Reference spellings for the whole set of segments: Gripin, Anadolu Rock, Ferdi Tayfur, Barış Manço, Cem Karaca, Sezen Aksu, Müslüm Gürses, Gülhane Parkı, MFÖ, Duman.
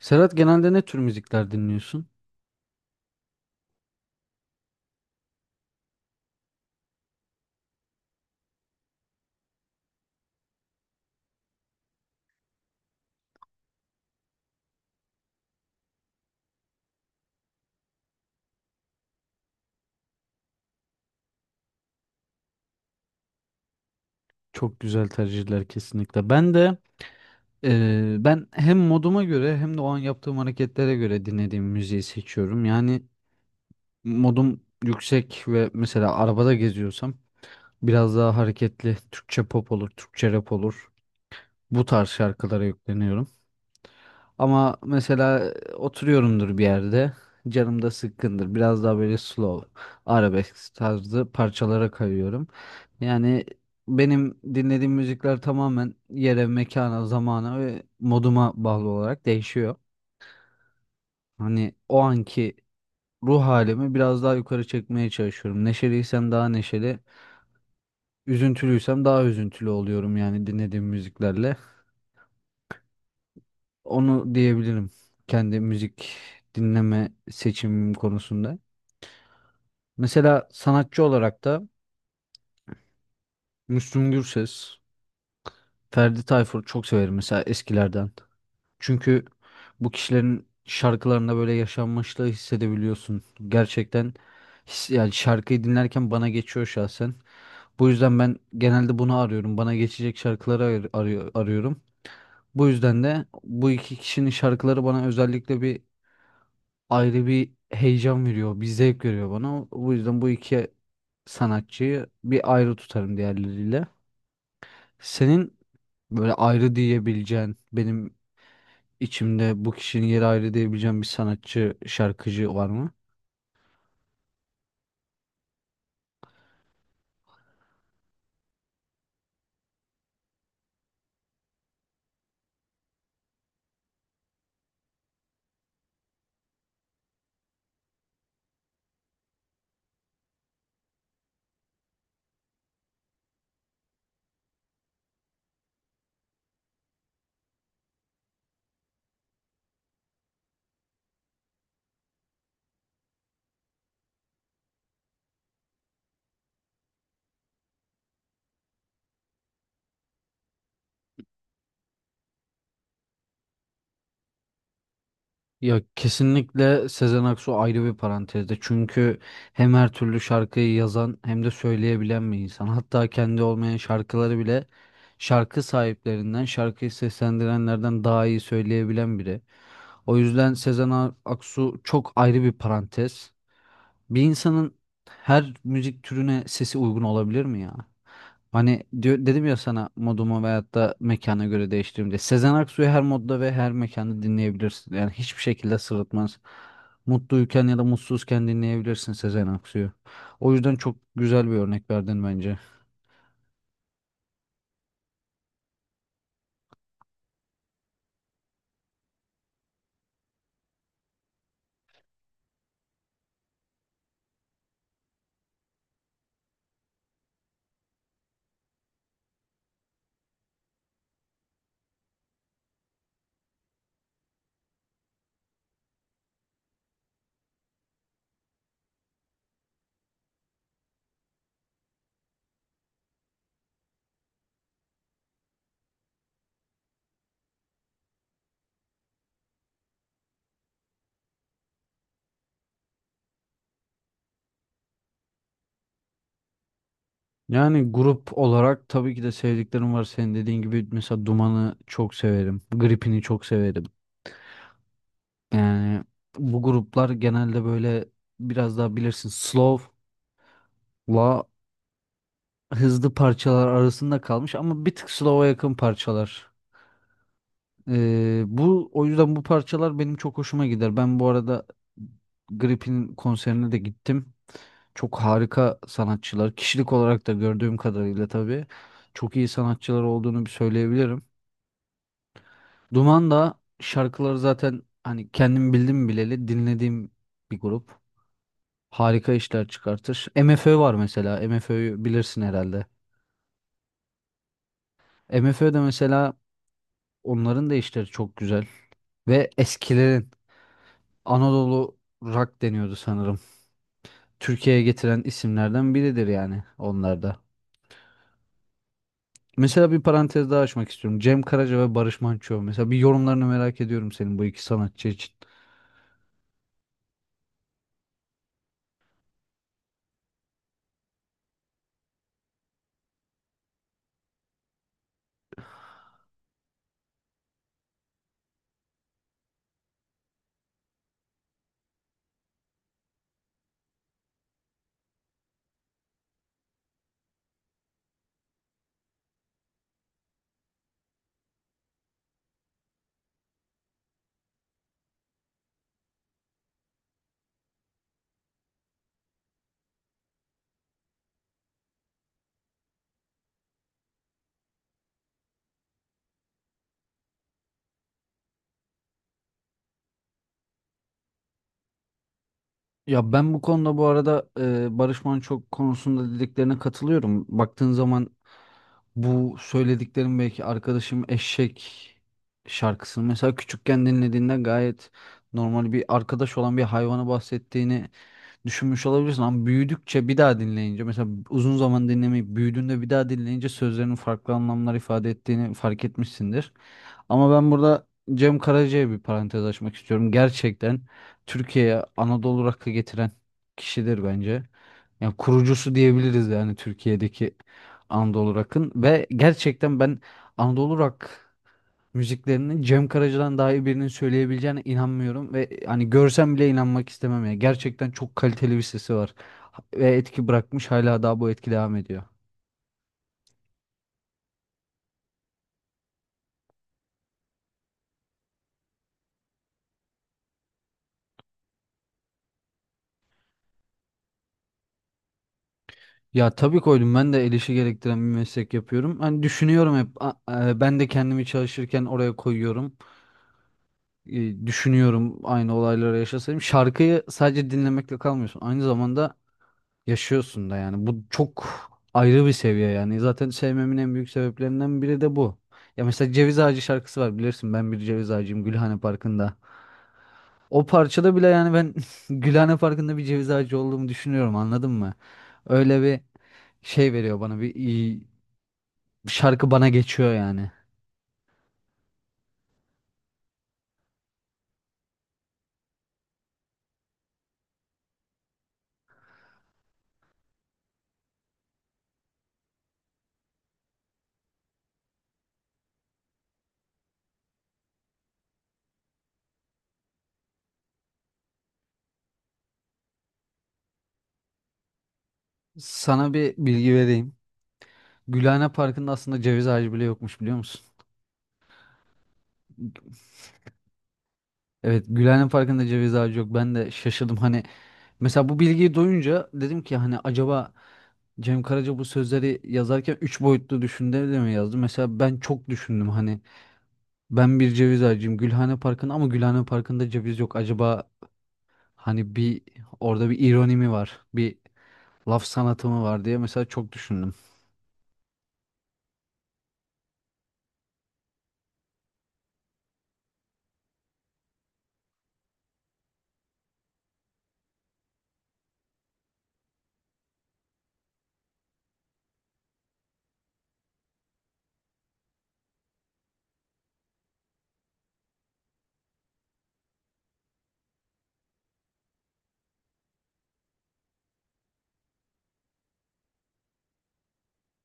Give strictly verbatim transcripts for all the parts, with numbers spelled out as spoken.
Serhat genelde ne tür müzikler dinliyorsun? Çok güzel tercihler kesinlikle. Ben de eee, ben hem moduma göre hem de o an yaptığım hareketlere göre dinlediğim müziği seçiyorum. Yani modum yüksek ve mesela arabada geziyorsam biraz daha hareketli Türkçe pop olur, Türkçe rap olur. Bu tarz şarkılara yükleniyorum. Ama mesela e, oturuyorumdur bir yerde. Canım da sıkkındır. Biraz daha böyle slow, arabesk tarzı parçalara kayıyorum. Yani benim dinlediğim müzikler tamamen yere, mekana, zamana ve moduma bağlı olarak değişiyor. Hani o anki ruh halimi biraz daha yukarı çekmeye çalışıyorum. Neşeliysem daha neşeli, üzüntülüysem daha üzüntülü oluyorum yani dinlediğim müziklerle. Onu diyebilirim kendi müzik dinleme seçimim konusunda. Mesela sanatçı olarak da Müslüm Gürses, Ferdi Tayfur çok severim mesela eskilerden. Çünkü bu kişilerin şarkılarında böyle yaşanmışlığı hissedebiliyorsun. Gerçekten his- yani şarkıyı dinlerken bana geçiyor şahsen. Bu yüzden ben genelde bunu arıyorum. Bana geçecek şarkıları ayır- arıyor, arıyorum. Bu yüzden de bu iki kişinin şarkıları bana özellikle bir ayrı bir heyecan veriyor, bir zevk veriyor bana. Bu yüzden bu iki sanatçıyı bir ayrı tutarım diğerleriyle. Senin böyle ayrı diyebileceğin, benim içimde bu kişinin yeri ayrı diyebileceğin bir sanatçı, şarkıcı var mı? Ya kesinlikle Sezen Aksu ayrı bir parantezde. Çünkü hem her türlü şarkıyı yazan hem de söyleyebilen bir insan. Hatta kendi olmayan şarkıları bile şarkı sahiplerinden, şarkıyı seslendirenlerden daha iyi söyleyebilen biri. O yüzden Sezen A- Aksu çok ayrı bir parantez. Bir insanın her müzik türüne sesi uygun olabilir mi ya? Hani diyor, dedim ya sana modumu veyahut da mekana göre değiştiririm diye. Sezen Aksu'yu her modda ve her mekanda dinleyebilirsin. Yani hiçbir şekilde sırıtmaz. Mutluyken ya da mutsuzken dinleyebilirsin Sezen Aksu'yu. O yüzden çok güzel bir örnek verdin bence. Yani grup olarak tabii ki de sevdiklerim var. Senin dediğin gibi mesela Duman'ı çok severim. Gripin'i çok severim. Yani bu gruplar genelde böyle biraz daha bilirsin slow'la hızlı parçalar arasında kalmış ama bir tık slow'a yakın parçalar. Ee, bu o yüzden bu parçalar benim çok hoşuma gider. Ben bu arada Grip'in konserine de gittim. Çok harika sanatçılar. Kişilik olarak da gördüğüm kadarıyla tabii çok iyi sanatçılar olduğunu bir söyleyebilirim. Duman da şarkıları zaten hani kendim bildim bileli dinlediğim bir grup. Harika işler çıkartır. MFÖ var mesela. MFÖ'yü bilirsin herhalde. MFÖ de mesela onların da işleri çok güzel. Ve eskilerin Anadolu Rock deniyordu sanırım. Türkiye'ye getiren isimlerden biridir yani onlar da. Mesela bir parantez daha açmak istiyorum. Cem Karaca ve Barış Manço. Mesela bir yorumlarını merak ediyorum senin bu iki sanatçı için. Ya ben bu konuda bu arada e, Barış Manço konusunda dediklerine katılıyorum. Baktığın zaman bu söylediklerim belki arkadaşım Eşek şarkısını mesela küçükken dinlediğinde gayet normal bir arkadaş olan bir hayvanı bahsettiğini düşünmüş olabilirsin ama büyüdükçe bir daha dinleyince mesela uzun zaman dinlemeyip büyüdüğünde bir daha dinleyince sözlerinin farklı anlamlar ifade ettiğini fark etmişsindir. Ama ben burada Cem Karaca'ya bir parantez açmak istiyorum. Gerçekten Türkiye'ye Anadolu rock'ı getiren kişidir bence. Yani kurucusu diyebiliriz yani Türkiye'deki Anadolu rock'ın ve gerçekten ben Anadolu rock müziklerini Cem Karaca'dan daha iyi birinin söyleyebileceğine inanmıyorum ve hani görsem bile inanmak istemem ya. Gerçekten çok kaliteli bir sesi var ve etki bırakmış hala daha bu etki devam ediyor. Ya tabii koydum, ben de el işi gerektiren bir meslek yapıyorum. Hani düşünüyorum hep a- e, ben de kendimi çalışırken oraya koyuyorum. E, Düşünüyorum aynı olayları yaşasaydım. Şarkıyı sadece dinlemekle kalmıyorsun. Aynı zamanda yaşıyorsun da yani. Bu çok ayrı bir seviye yani. Zaten sevmemin en büyük sebeplerinden biri de bu. Ya mesela Ceviz Ağacı şarkısı var, bilirsin, ben bir ceviz ağacıyım Gülhane Parkı'nda. O parçada bile yani ben Gülhane Parkı'nda bir ceviz ağacı olduğumu düşünüyorum, anladın mı? Öyle bir şey veriyor bana, bir iyi- şarkı bana geçiyor yani. Sana bir bilgi vereyim. Gülhane Parkı'nda aslında ceviz ağacı bile yokmuş, biliyor musun? Evet, Gülhane Parkı'nda ceviz ağacı yok. Ben de şaşırdım hani. Mesela bu bilgiyi duyunca dedim ki hani acaba Cem Karaca bu sözleri yazarken üç boyutlu düşündü de mi yazdı? Mesela ben çok düşündüm hani ben bir ceviz ağacıyım Gülhane Parkı'nda ama Gülhane Parkı'nda ceviz yok. Acaba hani bir orada bir ironi mi var? Bir laf sanatı mı var diye mesela çok düşündüm.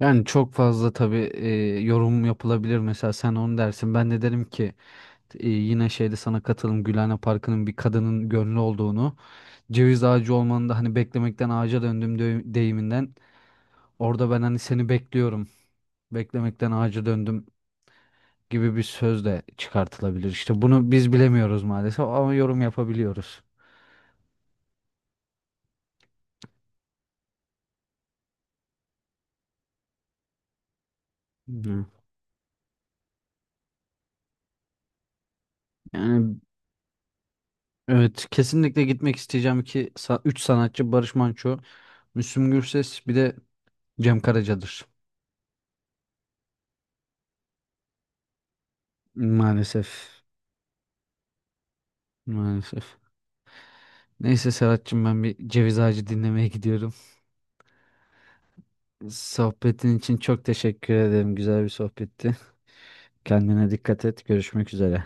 Yani çok fazla tabii e, yorum yapılabilir. Mesela sen onu dersin. Ben de derim ki e, yine şeyde sana katılım Gülhane Parkı'nın bir kadının gönlü olduğunu. Ceviz ağacı olmanı da hani beklemekten ağaca döndüm de- deyiminden orada ben hani seni bekliyorum, beklemekten ağaca döndüm gibi bir söz de çıkartılabilir. İşte bunu biz bilemiyoruz maalesef ama yorum yapabiliyoruz. Hı. Yani evet, kesinlikle gitmek isteyeceğim ki üç sanatçı Barış Manço, Müslüm Gürses bir de Cem Karaca'dır. Maalesef. Maalesef. Neyse Serhat'cığım, ben bir ceviz ağacı dinlemeye gidiyorum. Sohbetin için çok teşekkür ederim. Güzel bir sohbetti. Kendine dikkat et. Görüşmek üzere.